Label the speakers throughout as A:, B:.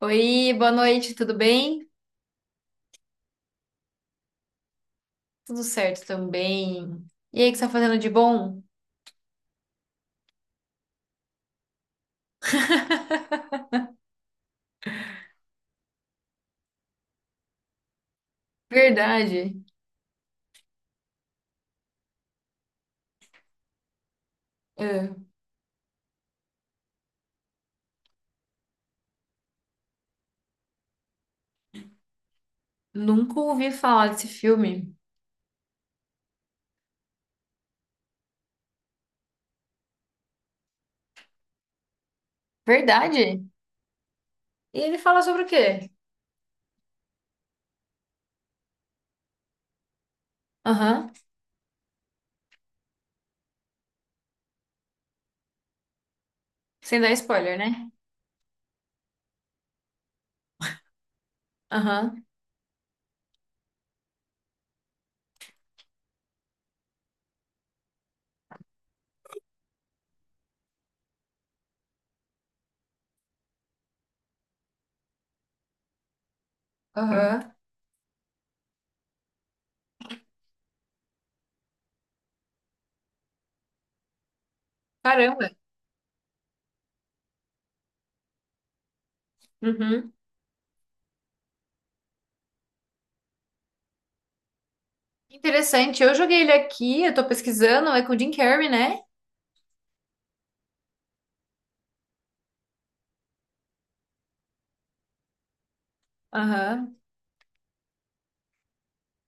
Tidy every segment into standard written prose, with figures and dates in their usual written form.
A: Oi, boa noite, tudo bem? Tudo certo também. E aí, o que você tá fazendo de bom? Verdade. É, Nunca ouvi falar desse filme. Verdade? E ele fala sobre o quê? Aham. Sem dar spoiler, né? Aham. Aham. Caramba. Uhum. Interessante. Eu joguei ele aqui, eu tô pesquisando, é com o Jim Carrey, né? Aham.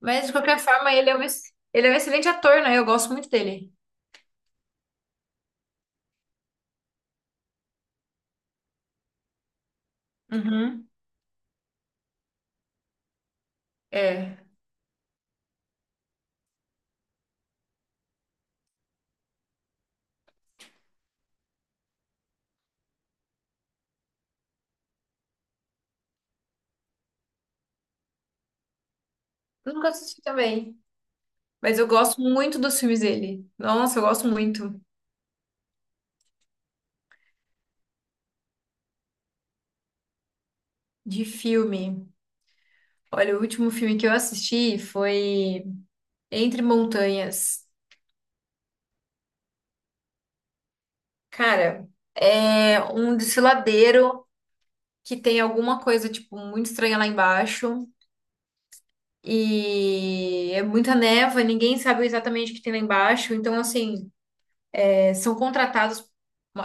A: Mas de qualquer forma, ele é um, ele é um excelente ator, né? Eu gosto muito dele. Uhum. É. Nunca assisti também. Mas eu gosto muito dos filmes dele. Nossa, eu gosto muito de filme. Olha, o último filme que eu assisti foi Entre Montanhas. Cara, é um desfiladeiro que tem alguma coisa, tipo, muito estranha lá embaixo. E é muita neva, ninguém sabe exatamente o que tem lá embaixo. Então, assim, são contratados,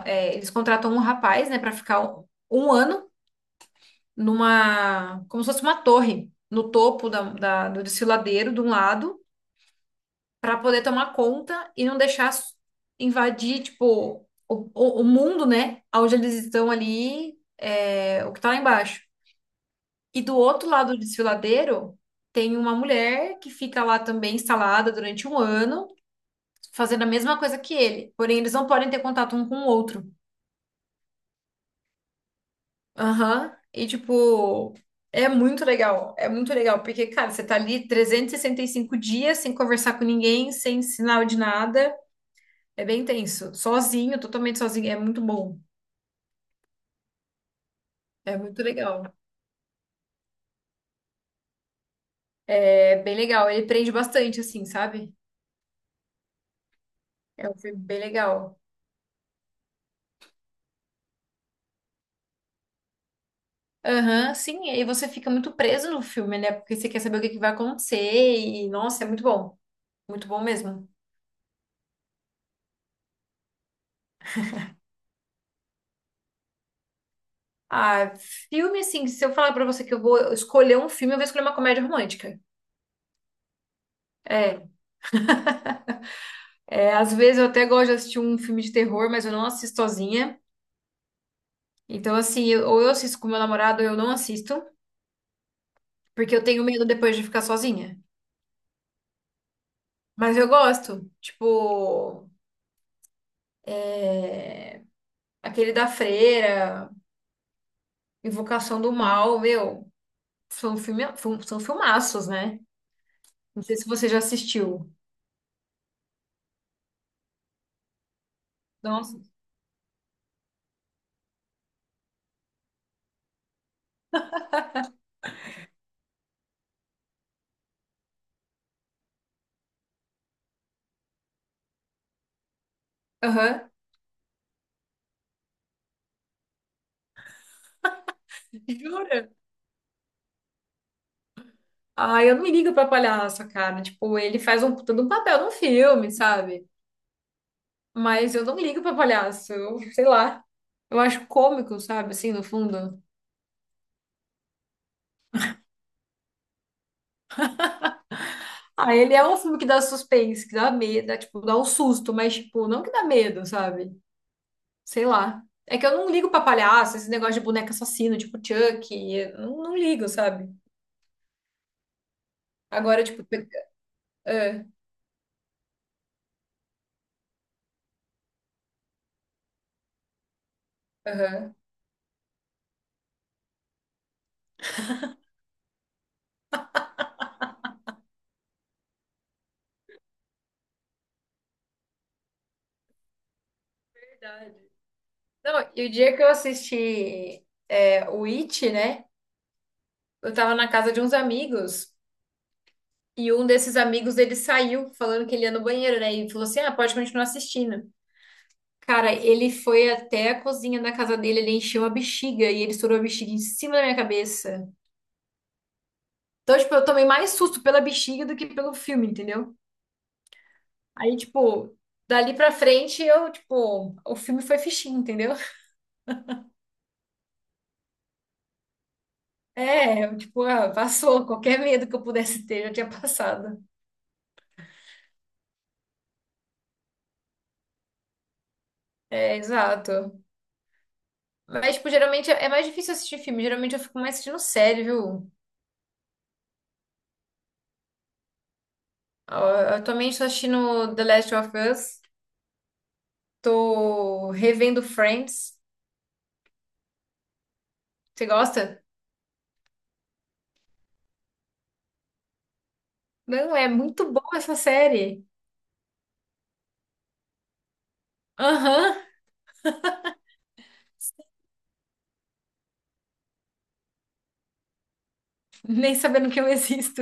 A: eles contratam um rapaz, né, pra ficar um ano numa, como se fosse uma torre, no topo da, do desfiladeiro, de um lado. Para poder tomar conta e não deixar invadir, tipo, o mundo, né? Onde eles estão ali, é, o que tá lá embaixo. E do outro lado do desfiladeiro, tem uma mulher que fica lá também instalada durante um ano, fazendo a mesma coisa que ele. Porém, eles não podem ter contato um com o outro. Aham. E, tipo, é muito legal. É muito legal, porque, cara, você tá ali trezentos e sessenta e cinco dias sem conversar com ninguém, sem sinal de nada. É bem tenso. Sozinho, totalmente sozinho. É muito bom. É muito legal. É bem legal. Ele prende bastante, assim, sabe? É um filme bem legal. Aham, sim. E aí você fica muito preso no filme, né? Porque você quer saber o que que vai acontecer. E, nossa, é muito bom. Muito bom mesmo. Ah, filme, assim, se eu falar pra você que eu vou escolher um filme, eu vou escolher uma comédia romântica. É. É, às vezes eu até gosto de assistir um filme de terror, mas eu não assisto sozinha. Então, assim, ou eu assisto com meu namorado ou eu não assisto, porque eu tenho medo depois de ficar sozinha. Mas eu gosto. Tipo, aquele da Freira, Invocação do Mal, meu, são filme, são filmaços, né? Não sei se você já assistiu. Nossa. Aham. Jura? Ah, eu não me ligo pra palhaço, cara. Tipo, ele faz um todo um papel no filme, sabe? Mas eu não me ligo pra palhaço. Eu, sei lá. Eu acho cômico, sabe? Assim, no fundo. Ah, ele é um filme que dá suspense, que dá medo, dá, tipo, dá um susto, mas, tipo, não que dá medo, sabe? Sei lá. É que eu não ligo pra palhaço, esse negócio de boneca assassino, tipo Chuck, eu não ligo, sabe? Agora, tipo. Ah, aham. Verdade. Não, e o dia que eu assisti é, o It, né? Eu tava na casa de uns amigos e um desses amigos ele saiu falando que ele ia no banheiro, né? E falou assim: ah, pode continuar assistindo. Cara, ele foi até a cozinha da casa dele, ele encheu a bexiga e ele estourou a bexiga em cima da minha cabeça. Então, tipo, eu tomei mais susto pela bexiga do que pelo filme, entendeu? Aí, tipo, dali pra frente eu, tipo, o filme foi fichinho, entendeu? É, eu, tipo, ah, passou. Qualquer medo que eu pudesse ter já tinha passado. É, exato. Mas, tipo, geralmente é mais difícil assistir filme. Geralmente eu fico mais assistindo série, viu? Ah, atualmente tô assistindo The Last of Us. Tô revendo Friends. Você gosta? Não, é muito boa essa série. Aham. Nem sabendo que eu existo.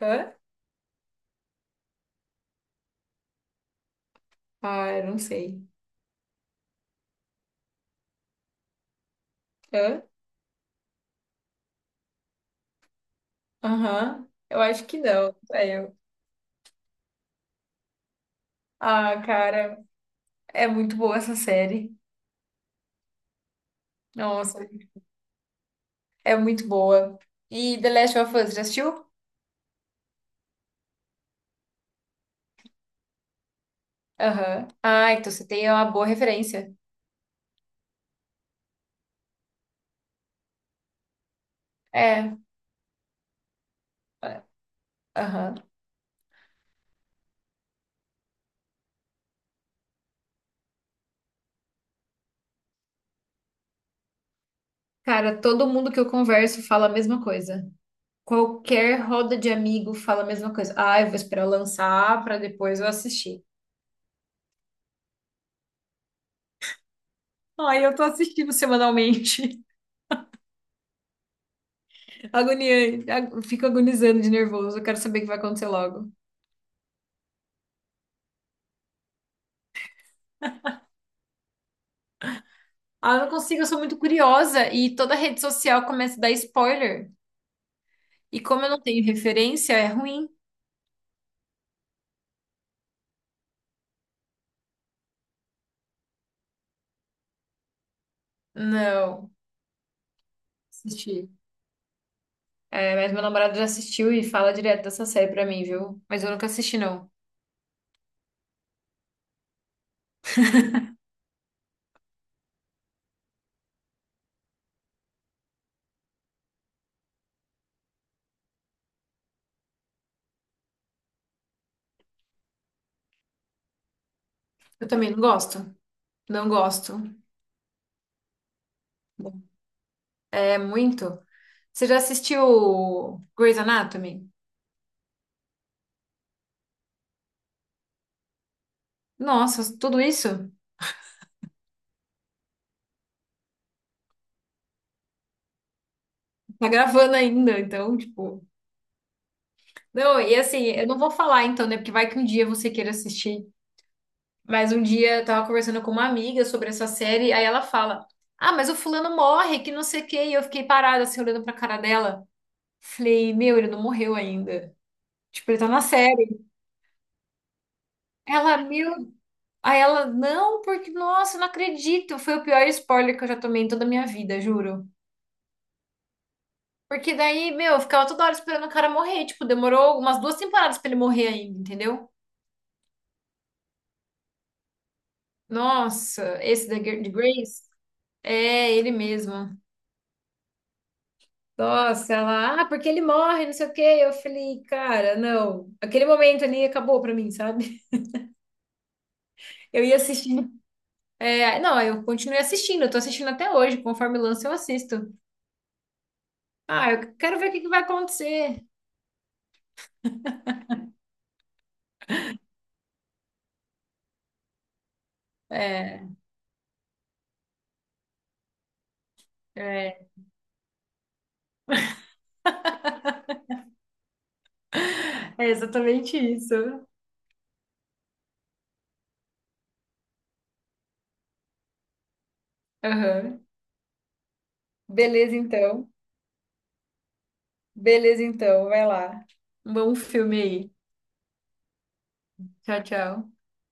A: Hã? Ah, eu não sei. Hã? Aham. Eu acho que não. É, eu. Ah, cara, é muito boa essa série. Nossa, é muito boa. E The Last of Us, já assistiu? Aham. Ah, então você tem uma boa referência. É. Aham. Cara, todo mundo que eu converso fala a mesma coisa. Qualquer roda de amigo fala a mesma coisa. Ah, eu vou esperar lançar pra depois eu assistir. Ai, eu tô assistindo semanalmente. Agoniante. Fico agonizando de nervoso. Eu quero saber o que vai acontecer logo. Ah, eu não consigo, eu sou muito curiosa e toda rede social começa a dar spoiler. E como eu não tenho referência, é ruim. Não, assisti. É, mas meu namorado já assistiu e fala direto dessa série pra mim, viu? Mas eu nunca assisti, não. Eu também não gosto. Não gosto. É muito. Você já assistiu Grey's Anatomy? Nossa, tudo isso? Tá gravando ainda, então, tipo. Não, e assim, eu não vou falar então, né? Porque vai que um dia você queira assistir. Mas um dia eu tava conversando com uma amiga sobre essa série, aí ela fala: ah, mas o fulano morre, que não sei o quê. E eu fiquei parada assim, olhando pra cara dela. Falei, meu, ele não morreu ainda. Tipo, ele tá na série. Ela, meu. Aí ela, não, porque, nossa, eu não acredito. Foi o pior spoiler que eu já tomei em toda a minha vida, juro. Porque daí, meu, eu ficava toda hora esperando o cara morrer. Tipo, demorou umas duas temporadas pra ele morrer ainda, entendeu? Nossa, esse da de Grace? É, ele mesmo. Nossa, ela, ah, porque ele morre, não sei o quê. Eu falei, cara, não. Aquele momento ali acabou pra mim, sabe? Eu ia assistindo. É, não, eu continuei assistindo, eu tô assistindo até hoje, conforme lança eu assisto. Ah, eu quero ver o que que vai acontecer. É, é, é exatamente isso. Aham. Beleza, então. Beleza, então. Vai lá. Um bom filme aí. Tchau, tchau.